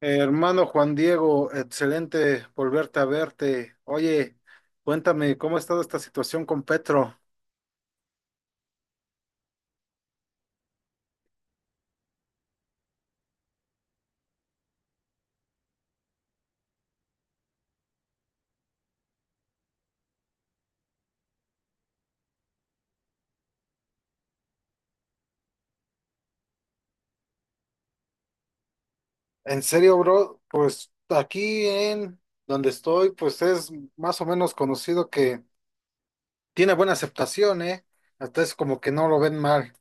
Hermano Juan Diego, excelente volverte a verte. Oye, cuéntame, ¿cómo ha estado esta situación con Petro? En serio, bro, pues aquí en donde estoy, pues es más o menos conocido que tiene buena aceptación, ¿eh? Hasta es como que no lo ven mal.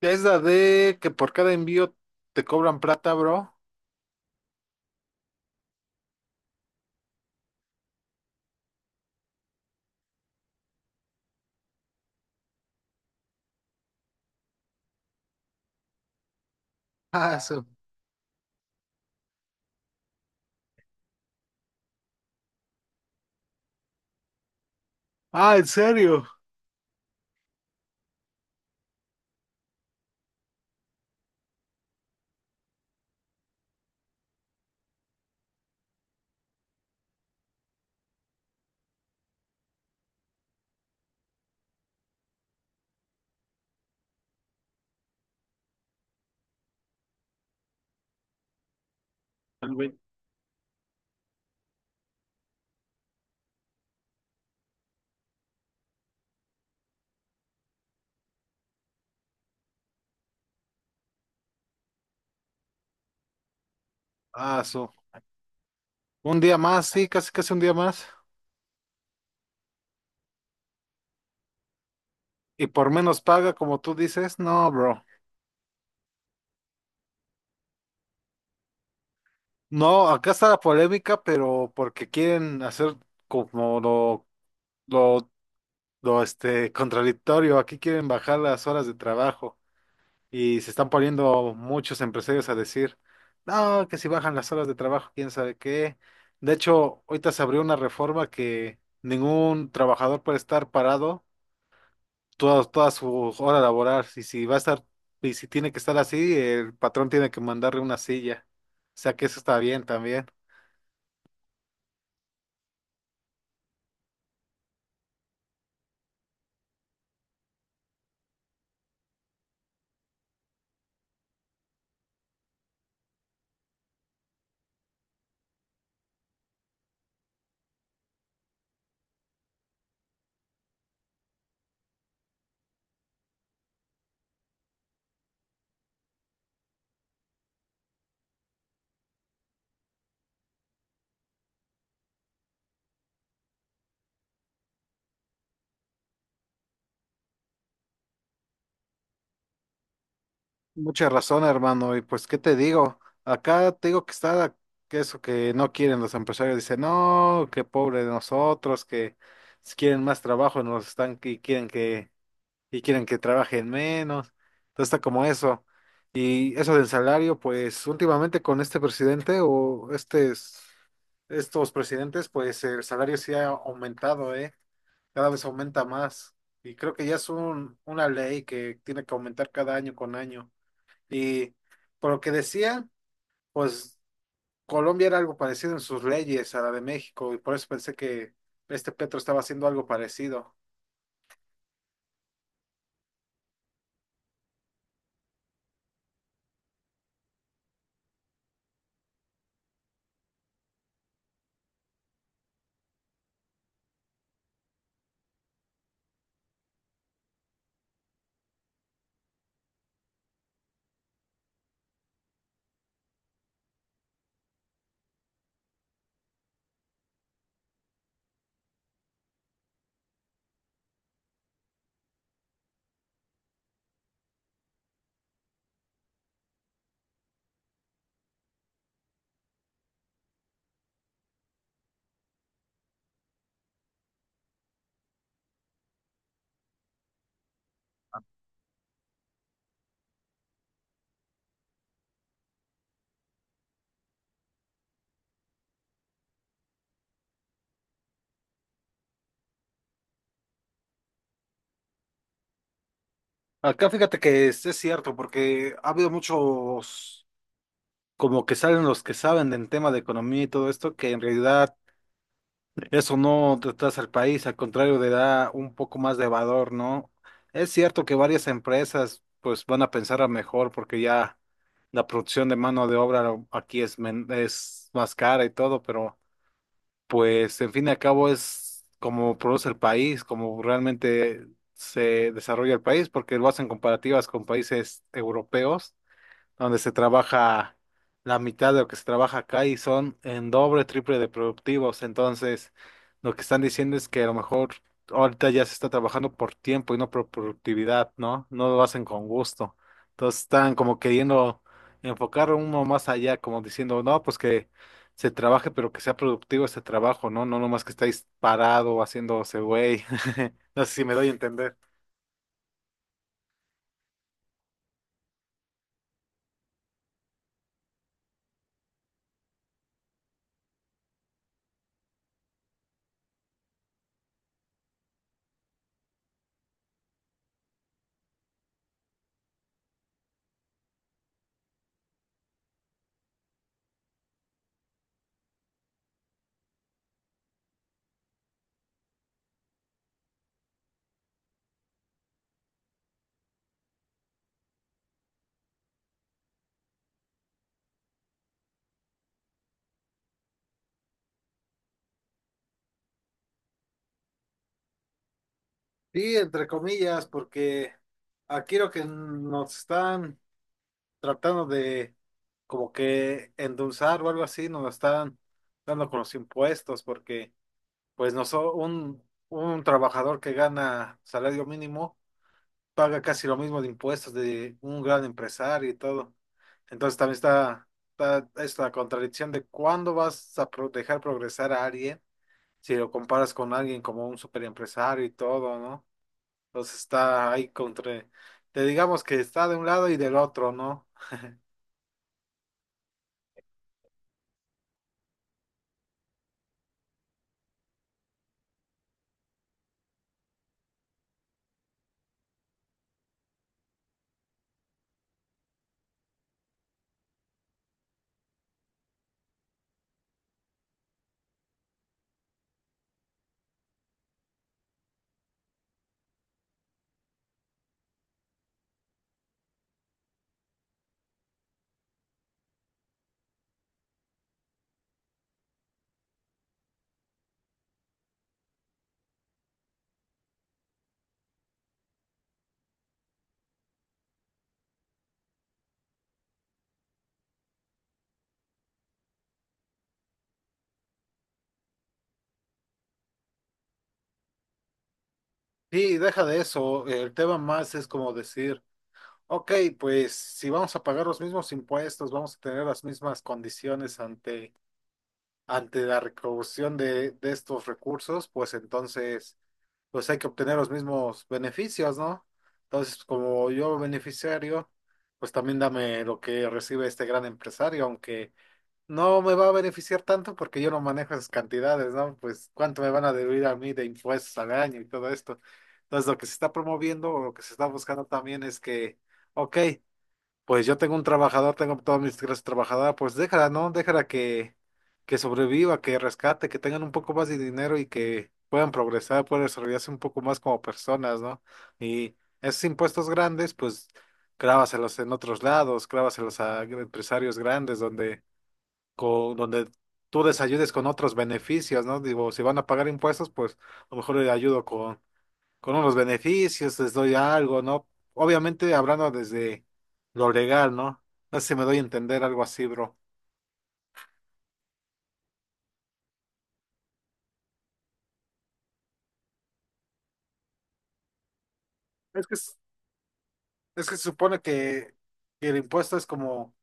Es la de que por cada envío te cobran plata, bro. Ah, eso. Ah, ¿en serio? El güey. Ah, eso. Un día más, sí, casi casi un día más. Y por menos paga, como tú dices, no, bro. No, acá está la polémica, pero porque quieren hacer como lo, lo contradictorio. Aquí quieren bajar las horas de trabajo y se están poniendo muchos empresarios a decir, no, que si bajan las horas de trabajo, quién sabe qué. De hecho, ahorita se abrió una reforma que ningún trabajador puede estar parado toda su hora laboral. Y si tiene que estar así, el patrón tiene que mandarle una silla. O sea que eso está bien también. Mucha razón, hermano. Y pues, ¿qué te digo? Acá te digo que está que eso que no quieren los empresarios. Dicen, no, qué pobre de nosotros, que si quieren más trabajo nos están y quieren que trabajen menos. Entonces está como eso. Y eso del salario, pues últimamente con este presidente o estos presidentes, pues el salario sí ha aumentado, ¿eh? Cada vez aumenta más. Y creo que ya es una ley que tiene que aumentar cada año con año. Y por lo que decía, pues Colombia era algo parecido en sus leyes a la de México, y por eso pensé que este Petro estaba haciendo algo parecido. Acá fíjate que es cierto, porque ha habido muchos, como que salen los que saben del tema de economía y todo esto, que en realidad eso no retrasa al país, al contrario, le da un poco más de valor, ¿no? Es cierto que varias empresas pues van a pensar a mejor porque ya la producción de mano de obra aquí es más cara y todo, pero pues en fin y al cabo es como produce el país, como realmente se desarrolla el país, porque lo hacen comparativas con países europeos donde se trabaja la mitad de lo que se trabaja acá y son en doble, triple de productivos. Entonces, lo que están diciendo es que a lo mejor ahorita ya se está trabajando por tiempo y no por productividad, ¿no? No lo hacen con gusto. Entonces, están como queriendo enfocar uno más allá, como diciendo, no, pues que se trabaje, pero que sea productivo ese trabajo, ¿no? No nomás que estáis parado haciéndose güey. No sé si me doy a entender. Sí, entre comillas, porque aquí lo que nos están tratando de como que endulzar o algo así, nos lo están dando con los impuestos, porque pues no so- un trabajador que gana salario mínimo paga casi lo mismo de impuestos de un gran empresario y todo. Entonces también está esta contradicción de cuándo vas a dejar progresar a alguien si lo comparas con alguien como un superempresario y todo, ¿no? Entonces está ahí te digamos que está de un lado y del otro, ¿no? Sí, deja de eso. El tema más es como decir, ok, pues si vamos a pagar los mismos impuestos, vamos a tener las mismas condiciones ante la recaudación de estos recursos, pues entonces, pues hay que obtener los mismos beneficios, ¿no? Entonces, como yo beneficiario, pues también dame lo que recibe este gran empresario, aunque no me va a beneficiar tanto porque yo no manejo esas cantidades, ¿no? Pues cuánto me van a deber a mí de impuestos al año y todo esto. Entonces, lo que se está promoviendo o lo que se está buscando también es que, ok, pues yo tengo un trabajador, tengo todas mis clases trabajadoras, pues déjala, ¿no? Déjala que sobreviva, que rescate, que tengan un poco más de dinero y que puedan progresar, puedan desarrollarse un poco más como personas, ¿no? Y esos impuestos grandes, pues clávaselos en otros lados, clávaselos a empresarios grandes donde tú les ayudes con otros beneficios, ¿no? Digo, si van a pagar impuestos, pues a lo mejor les ayudo con unos beneficios, les doy algo, ¿no? Obviamente hablando desde lo legal, ¿no? No sé si me doy a entender algo así, bro. Es que, es es que se supone que el impuesto es como,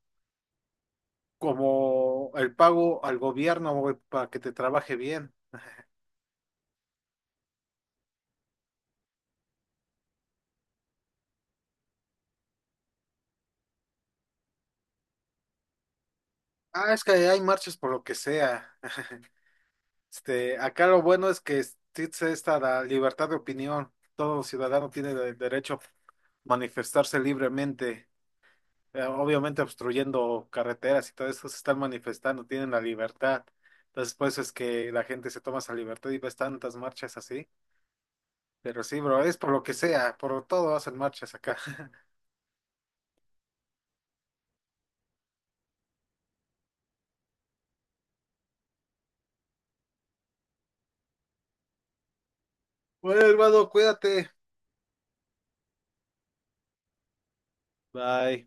como el pago al gobierno, güey, para que te trabaje bien. Ah, es que hay marchas por lo que sea. Este, acá lo bueno es que existe esta la libertad de opinión. Todo ciudadano tiene el derecho a manifestarse libremente. Obviamente obstruyendo carreteras y todo eso se están manifestando, tienen la libertad. Entonces, por eso es que la gente se toma esa libertad y ves tantas marchas así. Pero sí, bro, es por lo que sea, por todo hacen marchas acá. Bueno, hermano, cuídate. Bye.